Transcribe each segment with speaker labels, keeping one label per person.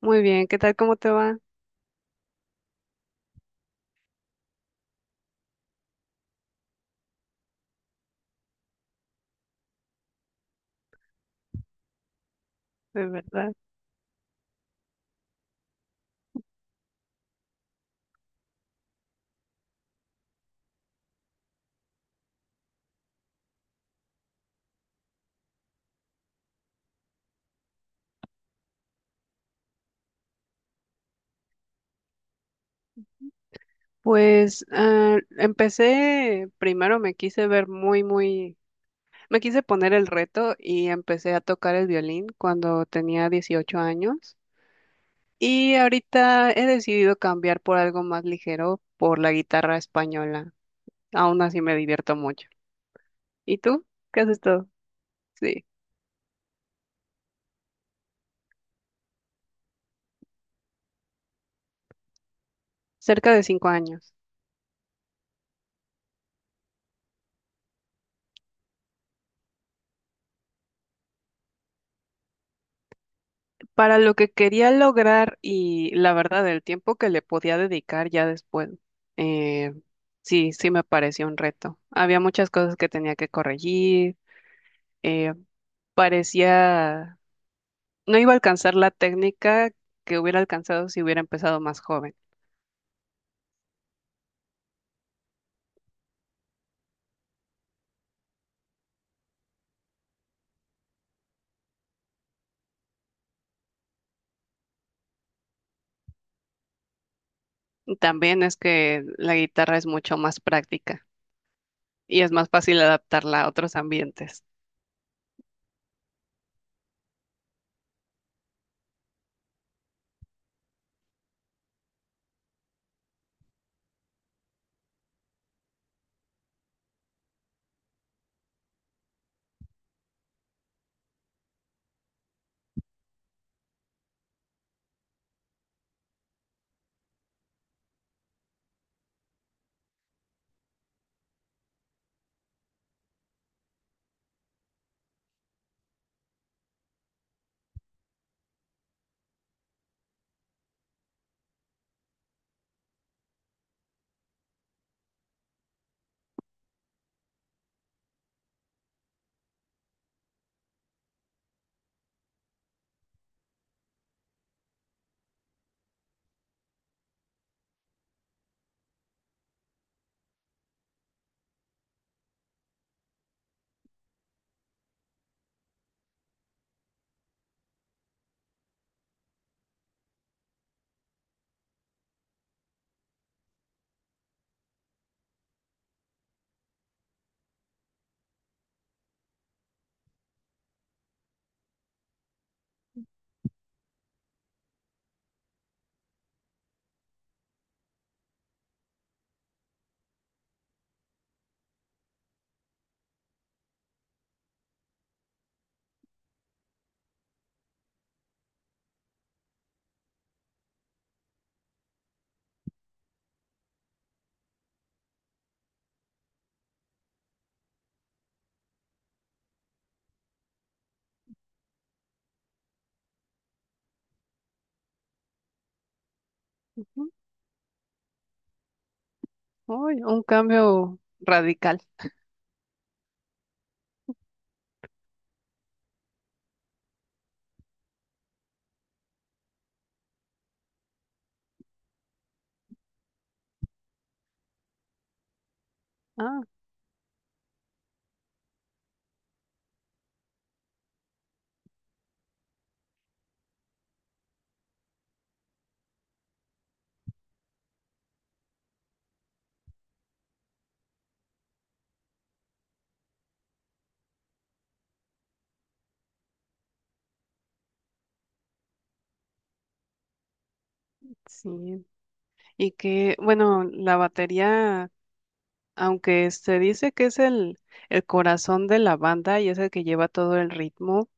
Speaker 1: Muy bien, ¿qué tal? ¿Cómo te va? De verdad. Pues empecé, primero me quise ver muy, muy, me quise poner el reto y empecé a tocar el violín cuando tenía 18 años y ahorita he decidido cambiar por algo más ligero, por la guitarra española. Aún así me divierto mucho. ¿Y tú? ¿Qué haces todo? Sí, cerca de 5 años. Para lo que quería lograr y la verdad, el tiempo que le podía dedicar ya después, eh, sí, sí me parecía un reto. Había muchas cosas que tenía que corregir, eh, parecía, no iba a alcanzar la técnica que hubiera alcanzado si hubiera empezado más joven. También es que la guitarra es mucho más práctica y es más fácil adaptarla a otros ambientes. Ujú. Uy, un cambio radical. Ah, sí. Y que, bueno, la batería, aunque se dice que es el corazón de la banda y es el que lleva todo el ritmo,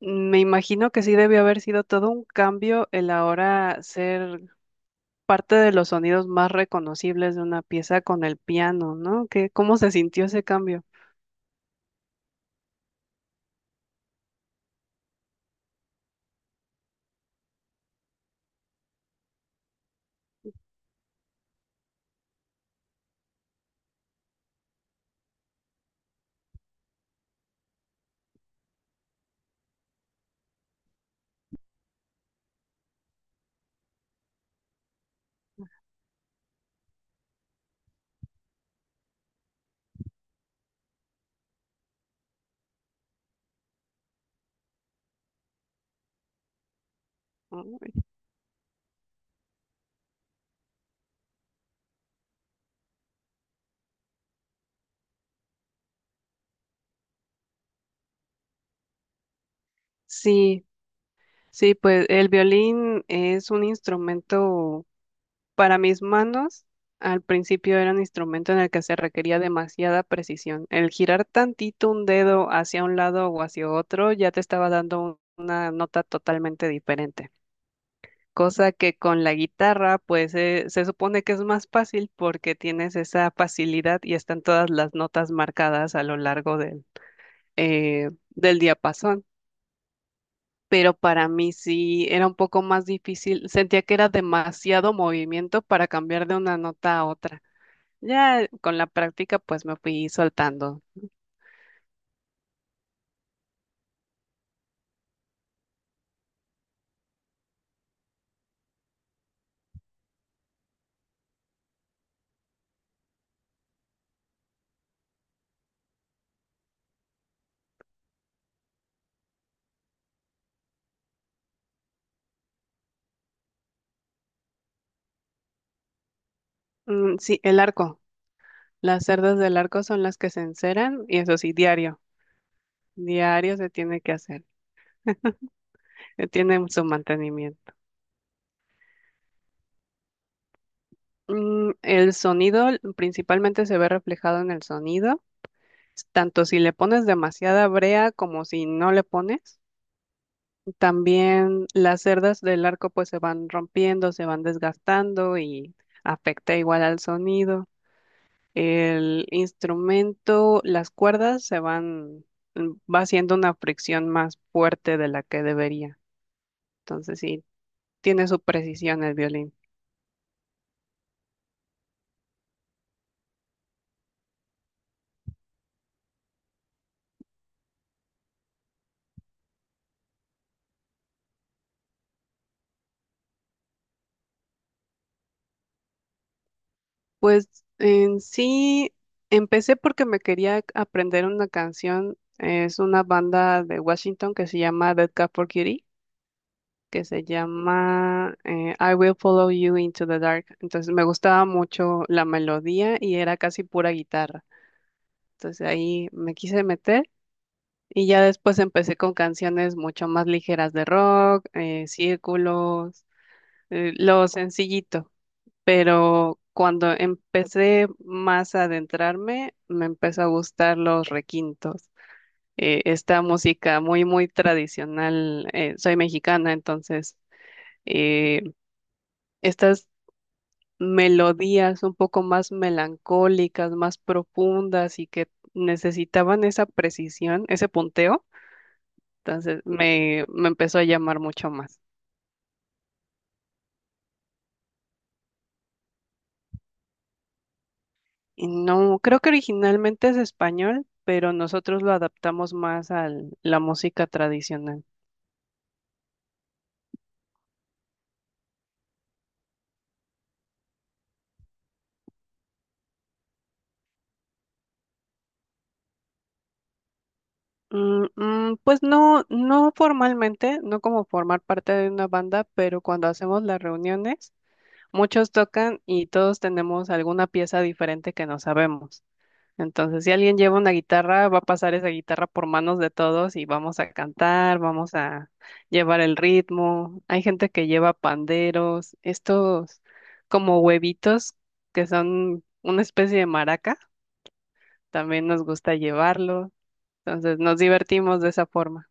Speaker 1: me imagino que sí debió haber sido todo un cambio el ahora ser parte de los sonidos más reconocibles de una pieza con el piano, ¿no? ¿Qué, cómo se sintió ese cambio? Uy. Sí, sí, pues el violín es un instrumento. Para mis manos, al principio era un instrumento en el que se requería demasiada precisión. El girar tantito un dedo hacia un lado o hacia otro ya te estaba dando una nota totalmente diferente. Cosa que con la guitarra, pues se supone que es más fácil porque tienes esa facilidad y están todas las notas marcadas a lo largo del diapasón. Pero para mí sí era un poco más difícil. Sentía que era demasiado movimiento para cambiar de una nota a otra. Ya con la práctica pues me fui soltando. Mm, sí, el arco. Las cerdas del arco son las que se enceran y eso sí, diario. Diario se tiene que hacer. Se tiene su mantenimiento. Mm, el sonido principalmente se ve reflejado en el sonido, tanto si le pones demasiada brea como si no le pones. También las cerdas del arco pues se van rompiendo, se van desgastando y afecta igual al sonido. El instrumento, las cuerdas se van, va haciendo una fricción más fuerte de la que debería. Entonces sí, tiene su precisión el violín. Pues en sí, empecé porque me quería aprender una canción. Es una banda de Washington que se llama Dead Cat for Cutie, que se llama I Will Follow You Into the Dark. Entonces me gustaba mucho la melodía y era casi pura guitarra. Entonces ahí me quise meter. Y ya después empecé con canciones mucho más ligeras de rock, círculos, lo sencillito. Pero cuando empecé más a adentrarme, me empezó a gustar los requintos. Esta música muy, muy tradicional. Soy mexicana, entonces eh, estas melodías un poco más melancólicas, más profundas y que necesitaban esa precisión, ese punteo. Entonces me empezó a llamar mucho más. Y no, creo que originalmente es español, pero nosotros lo adaptamos más a la música tradicional. Mm, mm, pues no, no formalmente, no como formar parte de una banda, pero cuando hacemos las reuniones, muchos tocan y todos tenemos alguna pieza diferente que no sabemos. Entonces, si alguien lleva una guitarra, va a pasar esa guitarra por manos de todos y vamos a cantar, vamos a llevar el ritmo. Hay gente que lleva panderos, estos como huevitos que son una especie de maraca, también nos gusta llevarlo. Entonces, nos divertimos de esa forma.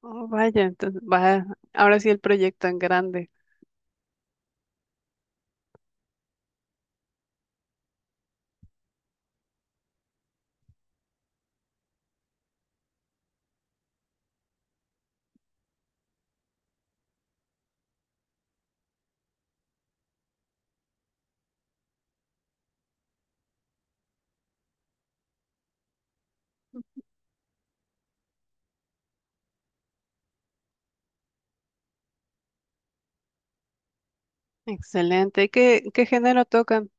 Speaker 1: Oh, vaya, ahora sí el proyecto en grande. Excelente. ¿Qué, qué género tocan?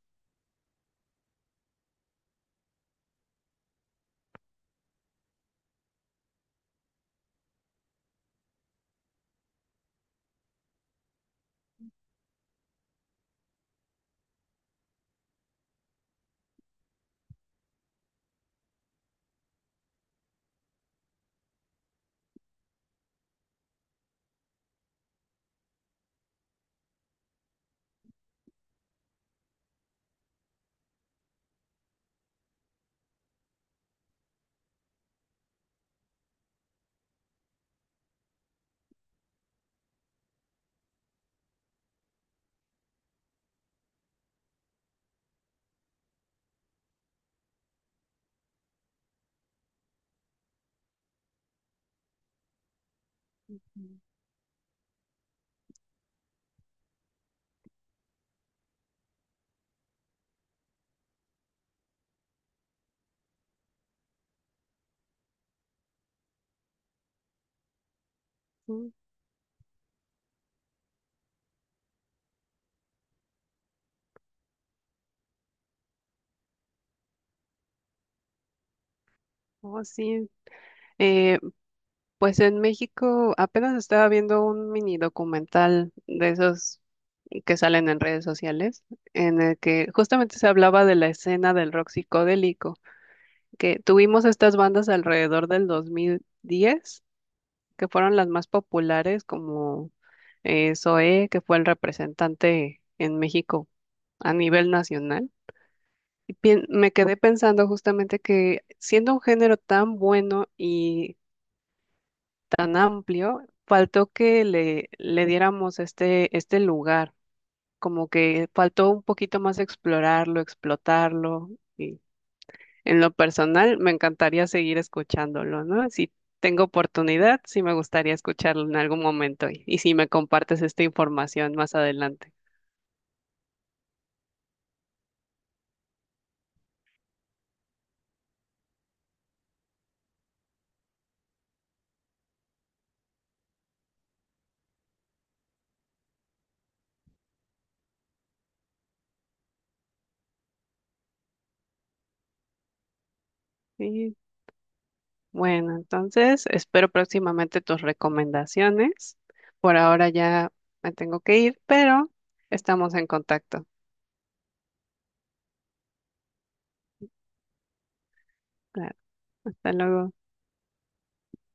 Speaker 1: Mm, mm. Oh, sí. Eh, Pues en México apenas estaba viendo un mini documental de esos que salen en redes sociales, en el que justamente se hablaba de la escena del rock psicodélico, que tuvimos estas bandas alrededor del 2010, que fueron las más populares, como Zoé, que fue el representante en México a nivel nacional. Y me quedé pensando justamente que siendo un género tan bueno y tan amplio, faltó que le diéramos este, este lugar, como que faltó un poquito más explorarlo, explotarlo. Y en lo personal, me encantaría seguir escuchándolo, ¿no? Si tengo oportunidad, sí me gustaría escucharlo en algún momento y si me compartes esta información más adelante. Y bueno, entonces espero próximamente tus recomendaciones. Por ahora ya me tengo que ir, pero estamos en contacto. Claro, hasta luego.